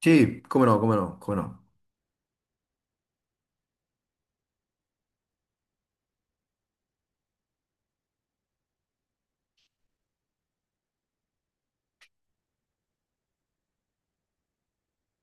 Sì, come no, come no, come no.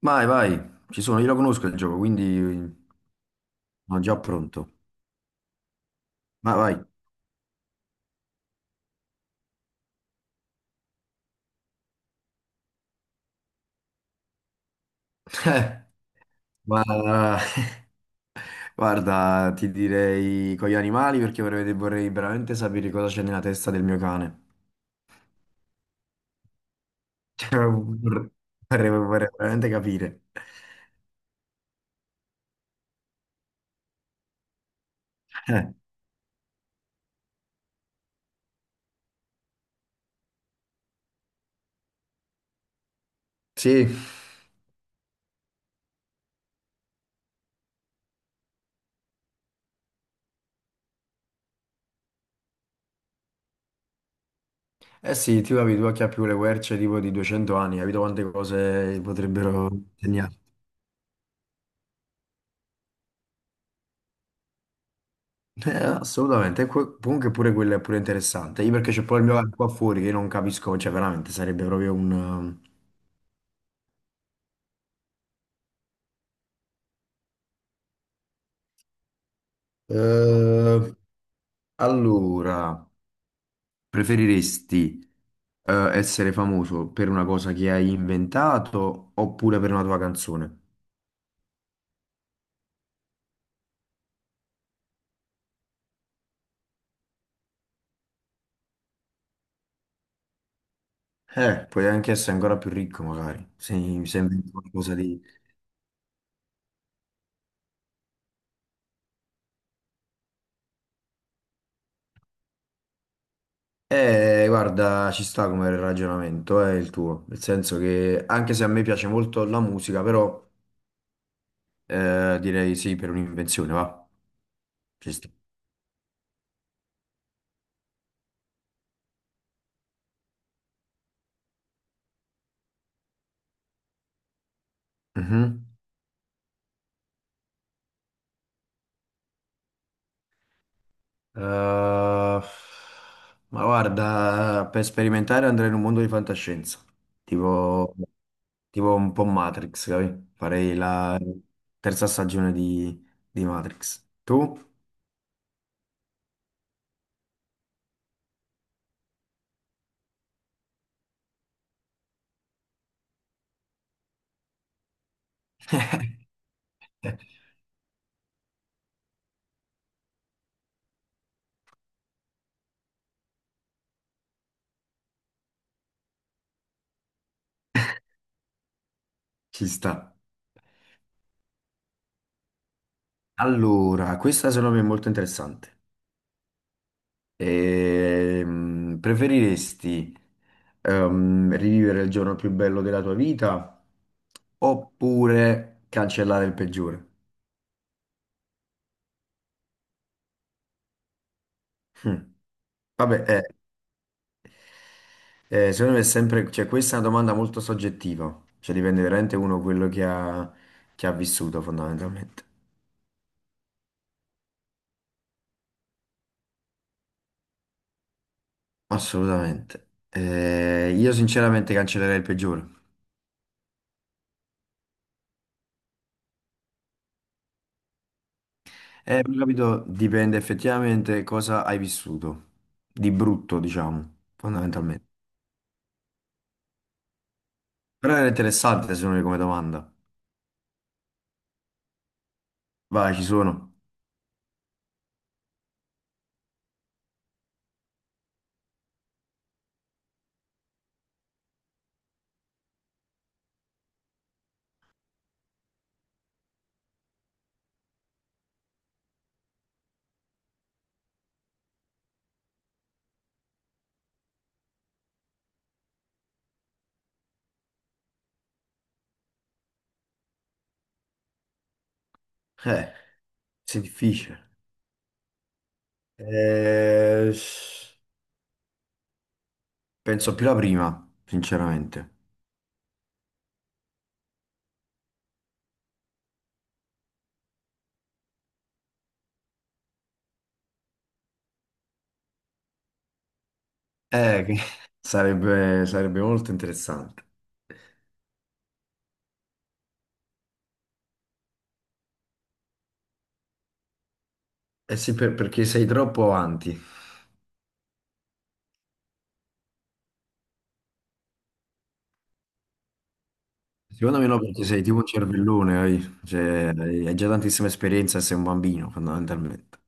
Vai, vai, ci sono, io lo conosco il gioco, quindi sono già pronto. Ma vai. Ma guarda, ti direi con gli animali perché vorrei veramente sapere cosa c'è nella testa del mio cane. Cioè, vorrei veramente capire. Eh, sì, eh sì, tu capi, tu che ha più le querce tipo di 200 anni, capito quante cose potrebbero segnare. Assolutamente, e que- comunque pure quello è pure interessante. Io perché c'è poi il mio bar qua fuori che io non capisco, cioè veramente sarebbe proprio un... Eh, allora, preferiresti essere famoso per una cosa che hai inventato oppure per una tua canzone? Puoi anche essere ancora più ricco magari, se, se inventi qualcosa di... guarda, ci sta come ragionamento, è il tuo, nel senso che anche se a me piace molto la musica, però... direi sì, per un'invenzione, va. Ci sta. Mhm. Eh, ma guarda, per sperimentare andrei in un mondo di fantascienza, tipo, tipo un po' Matrix, capi? Farei la terza stagione di Matrix. Tu? Eh, Ci sta. Allora, questa secondo me è molto interessante. Preferiresti rivivere il giorno più bello della tua vita oppure cancellare il peggiore? Hm. Vabbè, secondo me è sempre, cioè, questa è una domanda molto soggettiva, cioè dipende veramente uno quello che ha vissuto fondamentalmente. Assolutamente. Io sinceramente cancellerei il peggiore. Però, capito, dipende effettivamente cosa hai vissuto, di brutto, diciamo, fondamentalmente. Però era interessante secondo me come domanda. Vai, ci sono. Eh. Sì, difficile. Eh, penso più la prima, sinceramente. Che sarebbe molto interessante. Eh sì, per- perché sei troppo avanti. Secondo me no, perché sei tipo un cervellone, hai, cioè, hai già tantissima esperienza e sei un bambino, fondamentalmente.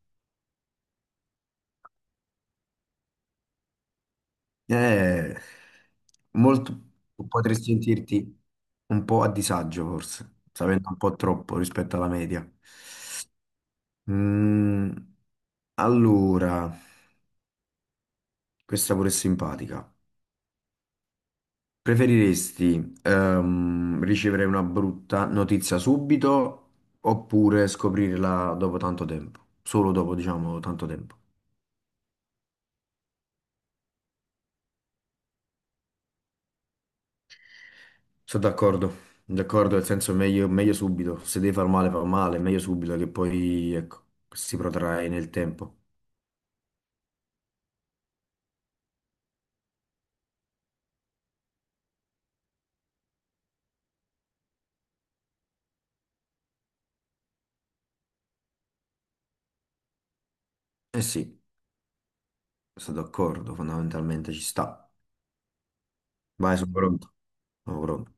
Eh, molto, potresti sentirti un po' a disagio, forse, sapendo un po' troppo rispetto alla media. Mm, allora, questa pure è simpatica. Preferiresti ricevere una brutta notizia subito oppure scoprirla dopo tanto tempo? Solo dopo, diciamo, tanto tempo. Sono d'accordo, d'accordo, nel senso meglio, meglio subito. Se devi far male, fa male, meglio subito che poi, ecco, si protrae nel tempo. Eh sì, sono d'accordo, fondamentalmente ci sta. Vai, sono pronto. Sono pronto.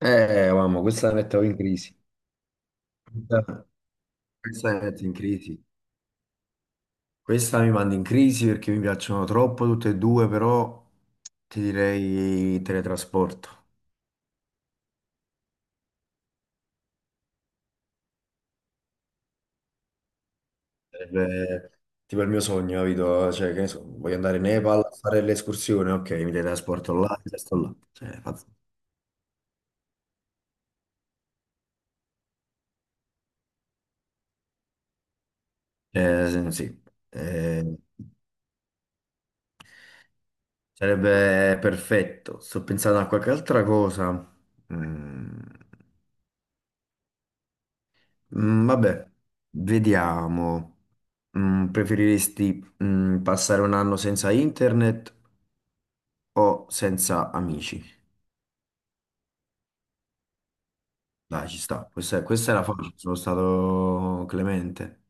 Mamma, questa la mettevo in crisi. Questa questa è in crisi. Questa mi manda in crisi perché mi piacciono troppo tutte e due, però ti direi teletrasporto. Sarebbe tipo il mio sogno, capito? Cioè, che ne so, voglio andare in Nepal a fare l'escursione, ok, mi teletrasporto là, e sto là. Cioè, fa- sì, eh, sarebbe perfetto. Sto pensando a qualche altra cosa. Mm, mm, vabbè, vediamo. Mm, preferiresti, mm, passare un anno senza internet o senza amici? Dai, ci sta. Questa era facile, sono stato clemente.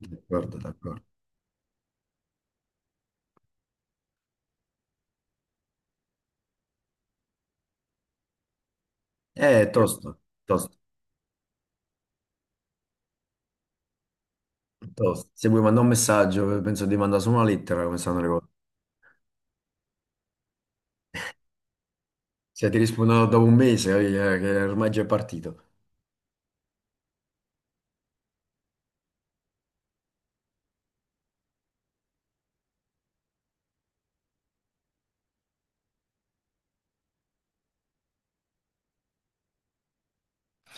D'accordo, d'accordo. Tosto, tosto, tosto. Se vuoi mandare un messaggio, penso di mandare solo una lettera, come stanno le cose. Se ti rispondo dopo un mese, voglio dire che ormai già è partito.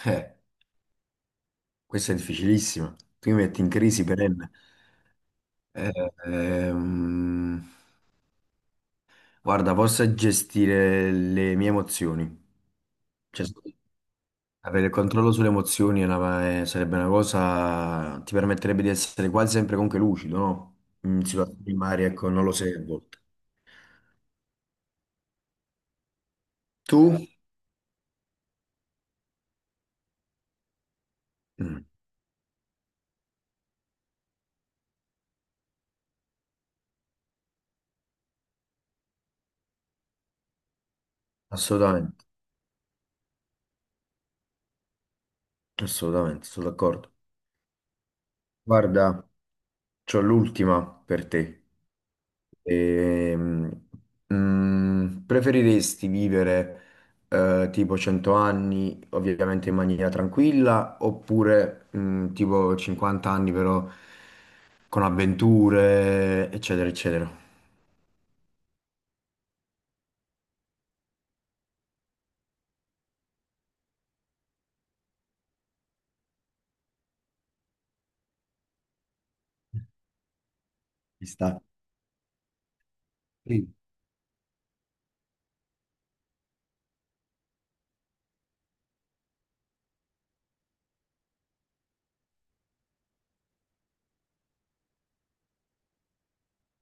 Eh, questa è difficilissima. Tu mi metti in crisi perenne. Eh, ehm, guarda, posso gestire le mie emozioni. Cioè, avere il controllo sulle emozioni è una- sarebbe una cosa, ti permetterebbe di essere quasi sempre comunque lucido, no? In situazioni magari, ecco, non lo sei a volte. Tu? Mm, assolutamente, assolutamente, sono d'accordo. Guarda, c'ho l'ultima per te. Ehm, mm, preferiresti vivere tipo 100 anni, ovviamente in maniera tranquilla, oppure mm, tipo 50 anni però con avventure, eccetera, eccetera? Ci sta. Sì.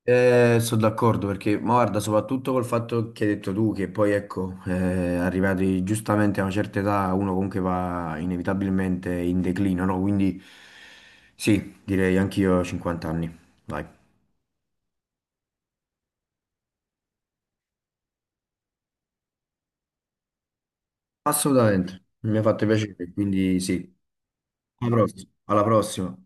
Sono d'accordo perché, ma guarda, soprattutto col fatto che hai detto tu, che poi ecco, arrivati giustamente a una certa età, uno comunque va inevitabilmente in declino, no? Quindi sì, direi anch'io 50 anni, dai. Assolutamente, mi ha fatto piacere, quindi sì, alla prossima. Alla prossima.